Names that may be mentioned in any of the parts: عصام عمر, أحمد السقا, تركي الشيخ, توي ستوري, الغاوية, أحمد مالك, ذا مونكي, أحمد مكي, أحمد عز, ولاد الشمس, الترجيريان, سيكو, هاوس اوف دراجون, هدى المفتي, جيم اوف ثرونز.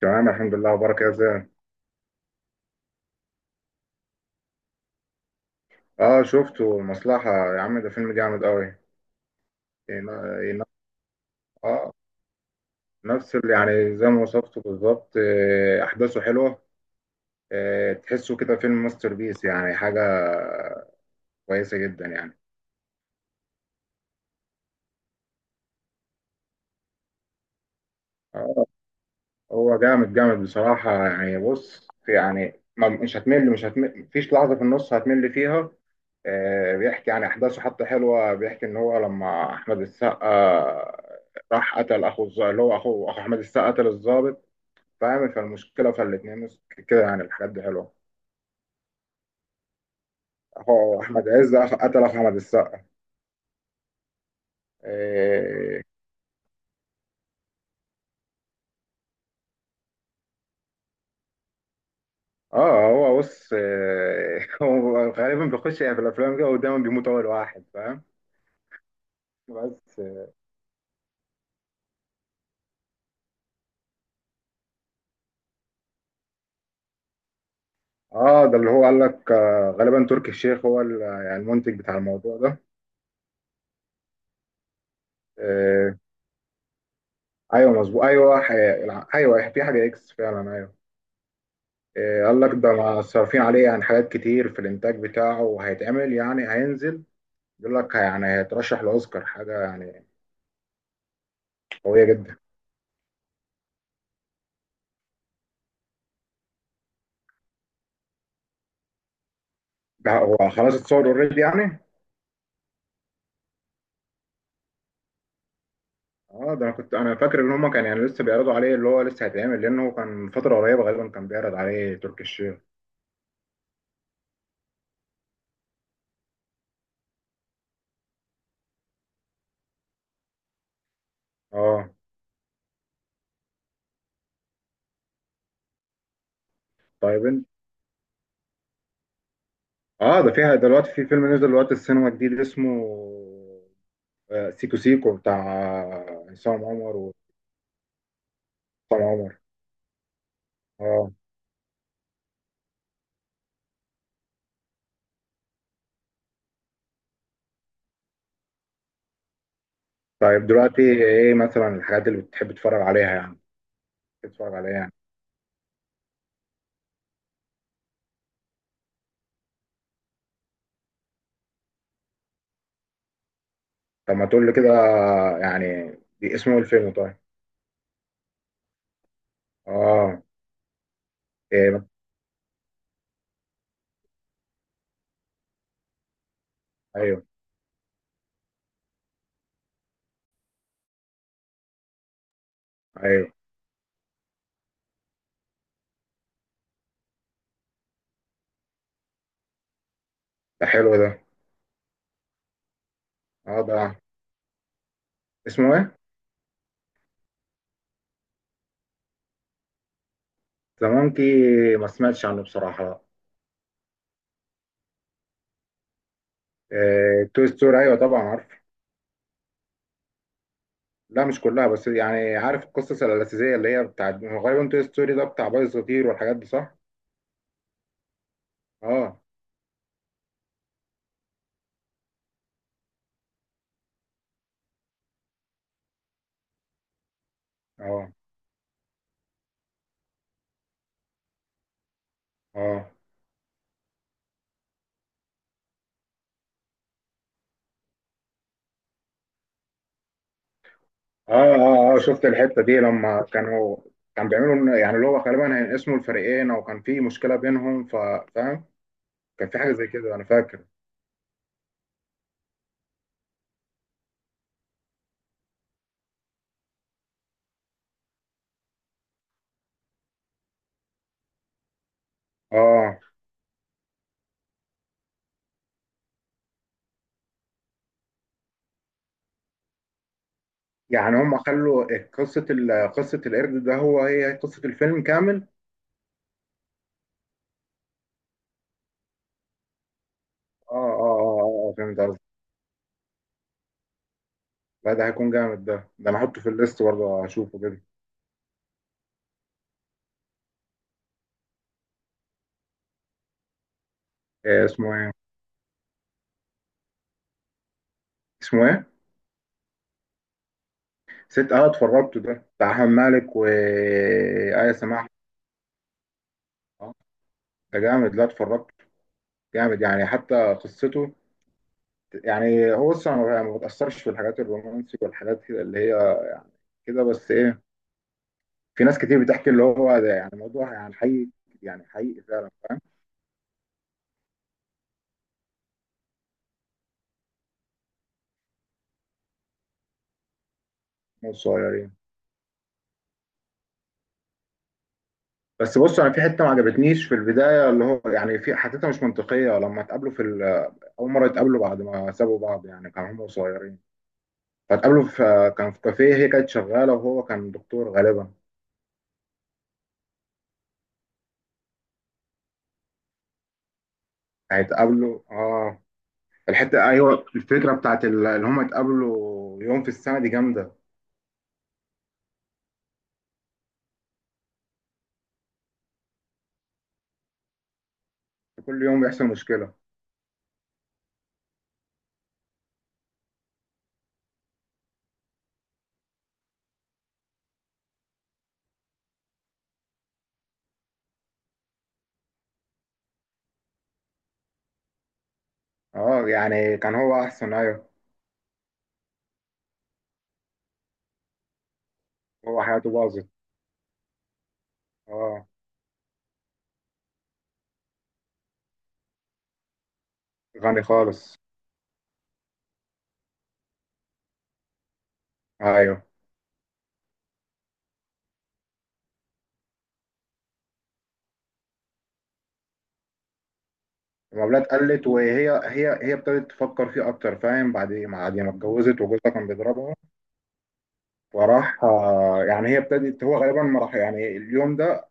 تمام، الحمد لله وبارك يا زين. اه، شفته مصلحة. يا عم ده فيلم جامد قوي. ينا- ينا- اه، نفس اللي يعني زي ما وصفته بالظبط. احداثه حلوة. تحسه كده فيلم ماستر بيس يعني حاجة كويسة جدا يعني. اه، هو جامد جامد بصراحة. يعني بص في يعني ما مش هتمل، مفيش لحظة في النص هتمل فيها. بيحكي يعني أحداثه حتى حلوة. بيحكي إن هو لما أحمد السقا راح قتل أخو الظابط، اللي هو أخو أحمد السقا، قتل الظابط، فاهم؟ فالمشكلة فالاتنين كده يعني، الحاجات دي حلوة. هو أحمد عز قتل أخو أحمد السقا. إيه، اه هو بص إيه، هو غالبا بيخش يعني في الأفلام كده ودايما بيموت أول واحد، فاهم؟ بس. اه، ده اللي هو قال لك، غالبا تركي الشيخ هو يعني المنتج بتاع الموضوع ده. إيه، ايوه مظبوط. ايوه ايوه في حاجه اكس فعلا، ايوه. إيه، قال لك ده ما صارفين عليه يعني حاجات كتير في الانتاج بتاعه، وهيتعمل يعني هينزل. بيقول لك يعني هيترشح لاوسكار حاجه يعني قويه جدا. ده هو خلاص اتصور اوريدي يعني. اه، ده انا كنت فاكر ان هم كان يعني لسه بيعرضوا عليه، اللي هو لسه هيتعمل، لانه كان فتره قريبه غالبا كان بيعرض عليه تركي الشيخ. اه، طيب انت. اه، ده فيها دلوقتي في فيلم نزل دلوقتي السينما جديد اسمه سيكو سيكو، بتاع عصام عمر وعصام عمر. اه. طيب دلوقتي ايه مثلا الحاجات اللي بتحب تتفرج عليها يعني؟ بتحب تتفرج عليها يعني. طب ما تقول لي كده يعني. دي اسمه الفيلم؟ طيب. اه. ايه، ايوه ايوه. ده حلو ده. اه ده. اسمه ايه؟ ذا مونكي. ما سمعتش عنه بصراحة، لا. إيه، توي ستوري، ايوه طبعا عارف. لا مش كلها، بس يعني عارف القصص الأساسية اللي هي بتاعت، هو غالبا توي ستوري ده بتاع بايظ صغير والحاجات دي، صح؟ اه اه اه اه اه اه، شفت الحتة دي لما كانوا كان بيعملوا يعني اللي هو غالبا هينقسموا الفريقين، او كان في مشكلة بينهم فاهم؟ كان في حاجة زي كده انا فاكر. اه، يعني هم خلوا قصة قصة القرد ده، هو هي قصة الفيلم كامل. اه اه اه، فهمت قصدي. لا ده هيكون جامد. ده انا احطه في الليست برضه اشوفه كده. إيه اسمه ايه؟ اسمه ايه؟ ست. اه، اتفرجته، ده بتاع احمد مالك وآية سماحة. اه، ده جامد. لا اتفرجته، جامد يعني حتى قصته. يعني هو بص انا ما بتأثرش في الحاجات الرومانسي والحاجات كده اللي هي كده، بس ايه، في ناس كتير بتحكي اللي هو ده يعني الموضوع يعني حقيقي، يعني حقيقي فعلا، فاهم؟ مش صغيرين. بس بص انا في حته ما عجبتنيش في البدايه، اللي هو يعني في حتتها مش منطقيه لما اتقابلوا في اول مره اتقابلوا بعد ما سابوا بعض، يعني كانوا هم صغيرين، فاتقابلوا في كان في كافيه، هي كانت شغاله وهو كان دكتور غالبا. هيتقابلوا اه. الحته، ايوه، الفكره بتاعت اللي هم اتقابلوا يوم في السنه دي، جامده. كل يوم بيحصل مشكله. اه، يعني كان هو احسن، ايوه. هو حياته باظت. اه، غني خالص. ايوه، المقابلات قلت، وهي هي هي ابتدت تفكر فيه اكتر، فاهم؟ بعد ما اتجوزت وجوزها كان بيضربها. فراح يعني هي ابتدت، هو غالبا ما راح يعني اليوم ده،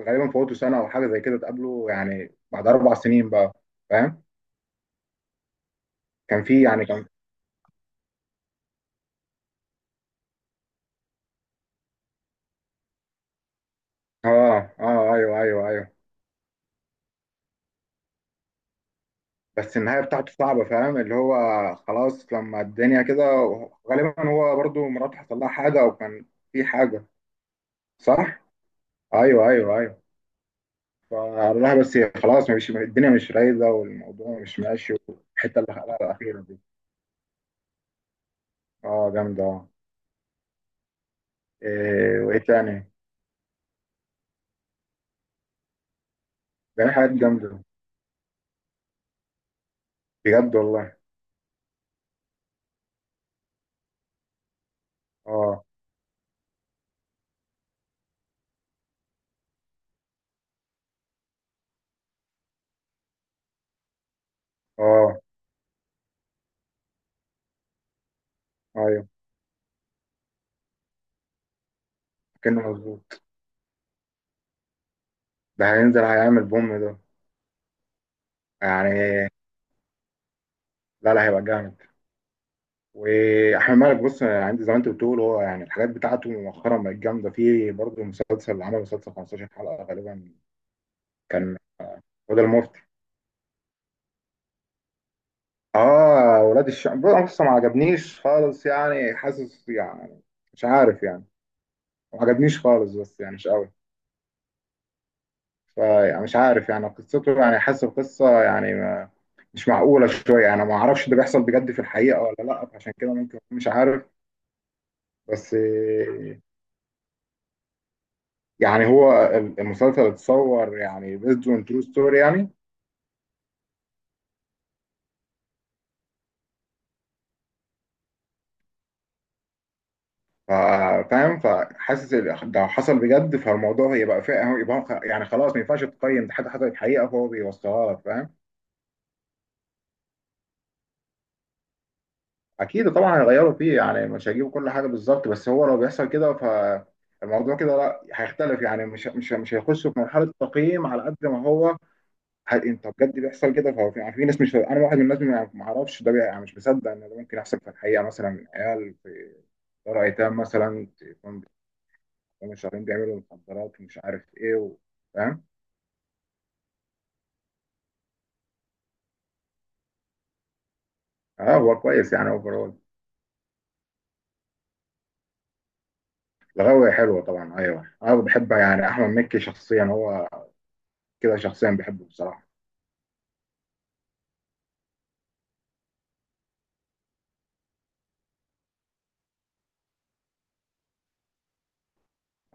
غالبا فوته سنه او حاجه زي كده، اتقابلوا يعني بعد اربع سنين بقى، فاهم؟ كان في يعني كان. اه اه، ايوه ايوه ايوه. بس النهايه بتاعته صعبه، فاهم اللي هو، خلاص لما الدنيا كده، غالبا هو برضو مراته حصل لها حاجه او كان في حاجه. صح. ايوه ايوه ايوه. فالله بس. خلاص، مش الدنيا مش رايقة والموضوع مش ماشي، والحتة اللي خلقها الأخيرة دي. اه جامدة اه. إيه وإيه تاني؟ ده في حاجات جامدة، بجد والله. اه. اه أيوه. كأنه مظبوط. ده هينزل هيعمل بوم ده يعني. لا لا هيبقى جامد. وأحمد مالك بص، عندي زي ما أنت بتقول، هو يعني الحاجات بتاعته مؤخرا بقت جامدة، في برضه مسلسل، عمل مسلسل 15 حلقة غالبا. كان هدى المفتي. اه، ولاد الشمس بص ما عجبنيش خالص، يعني حاسس يعني مش عارف يعني، ما عجبنيش خالص، بس يعني مش قوي. فيعني مش عارف يعني قصته، يعني حاسس القصه يعني ما، مش معقوله شويه، انا ما اعرفش ده بيحصل بجد في الحقيقه ولا لا، فعشان كده ممكن أكون مش عارف. بس يعني هو المسلسل اتصور يعني based on true story يعني. فاهم؟ فحاسس ده حصل بجد، فالموضوع هيبقى فيه، يبقى يعني خلاص ما ينفعش تقيم، ده حاجه حصلت حقيقه فهو بيوصلها لك، فاهم؟ اكيد طبعا هيغيروا فيه، يعني مش هيجيبوا كل حاجه بالظبط، بس هو لو بيحصل كده فالموضوع كده لا، هيختلف يعني مش هيخشوا في مرحله تقييم على قد ما هو. انت بجد بيحصل كده، فهو في، يعني في ناس، مش انا واحد من الناس، ما اعرفش ده يعني مش مصدق ان ده ممكن يحصل في الحقيقه، مثلا عيال في دار ايتام مثلا تكون، بتكون شهرين بيعملوا مخدرات ومش عارف ايه و... فاهم. اه هو كويس يعني اوفرول. الغاوية حلوة طبعا ايوه، انا بحب يعني احمد مكي شخصيا، هو كده شخصيا بحبه بصراحة.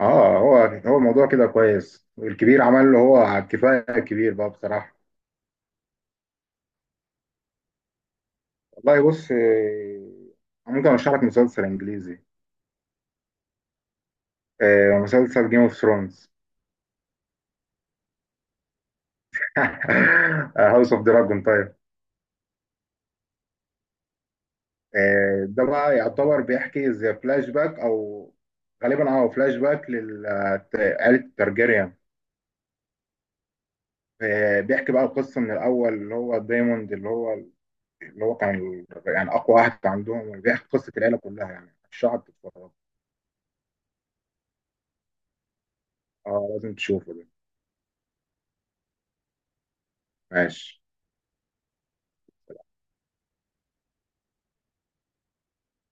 اه هو الموضوع كده كويس، الكبير عمل له هو على الكفايه، الكبير بقى بصراحه. والله بص، ممكن ارشح لك مسلسل انجليزي. مسلسل جيم اوف ثرونز. هاوس اوف دراجون طيب. ده بقى يعتبر بيحكي زي فلاش باك او غالبا اه فلاش باك لعائله الترجيريان. بيحكي بقى قصه من الاول، اللي هو دايموند، اللي هو كان يعني اقوى واحد عندهم، بيحكي قصه العيله كلها، يعني الشعب بتتفرج. اه لازم تشوفه ده. ماشي.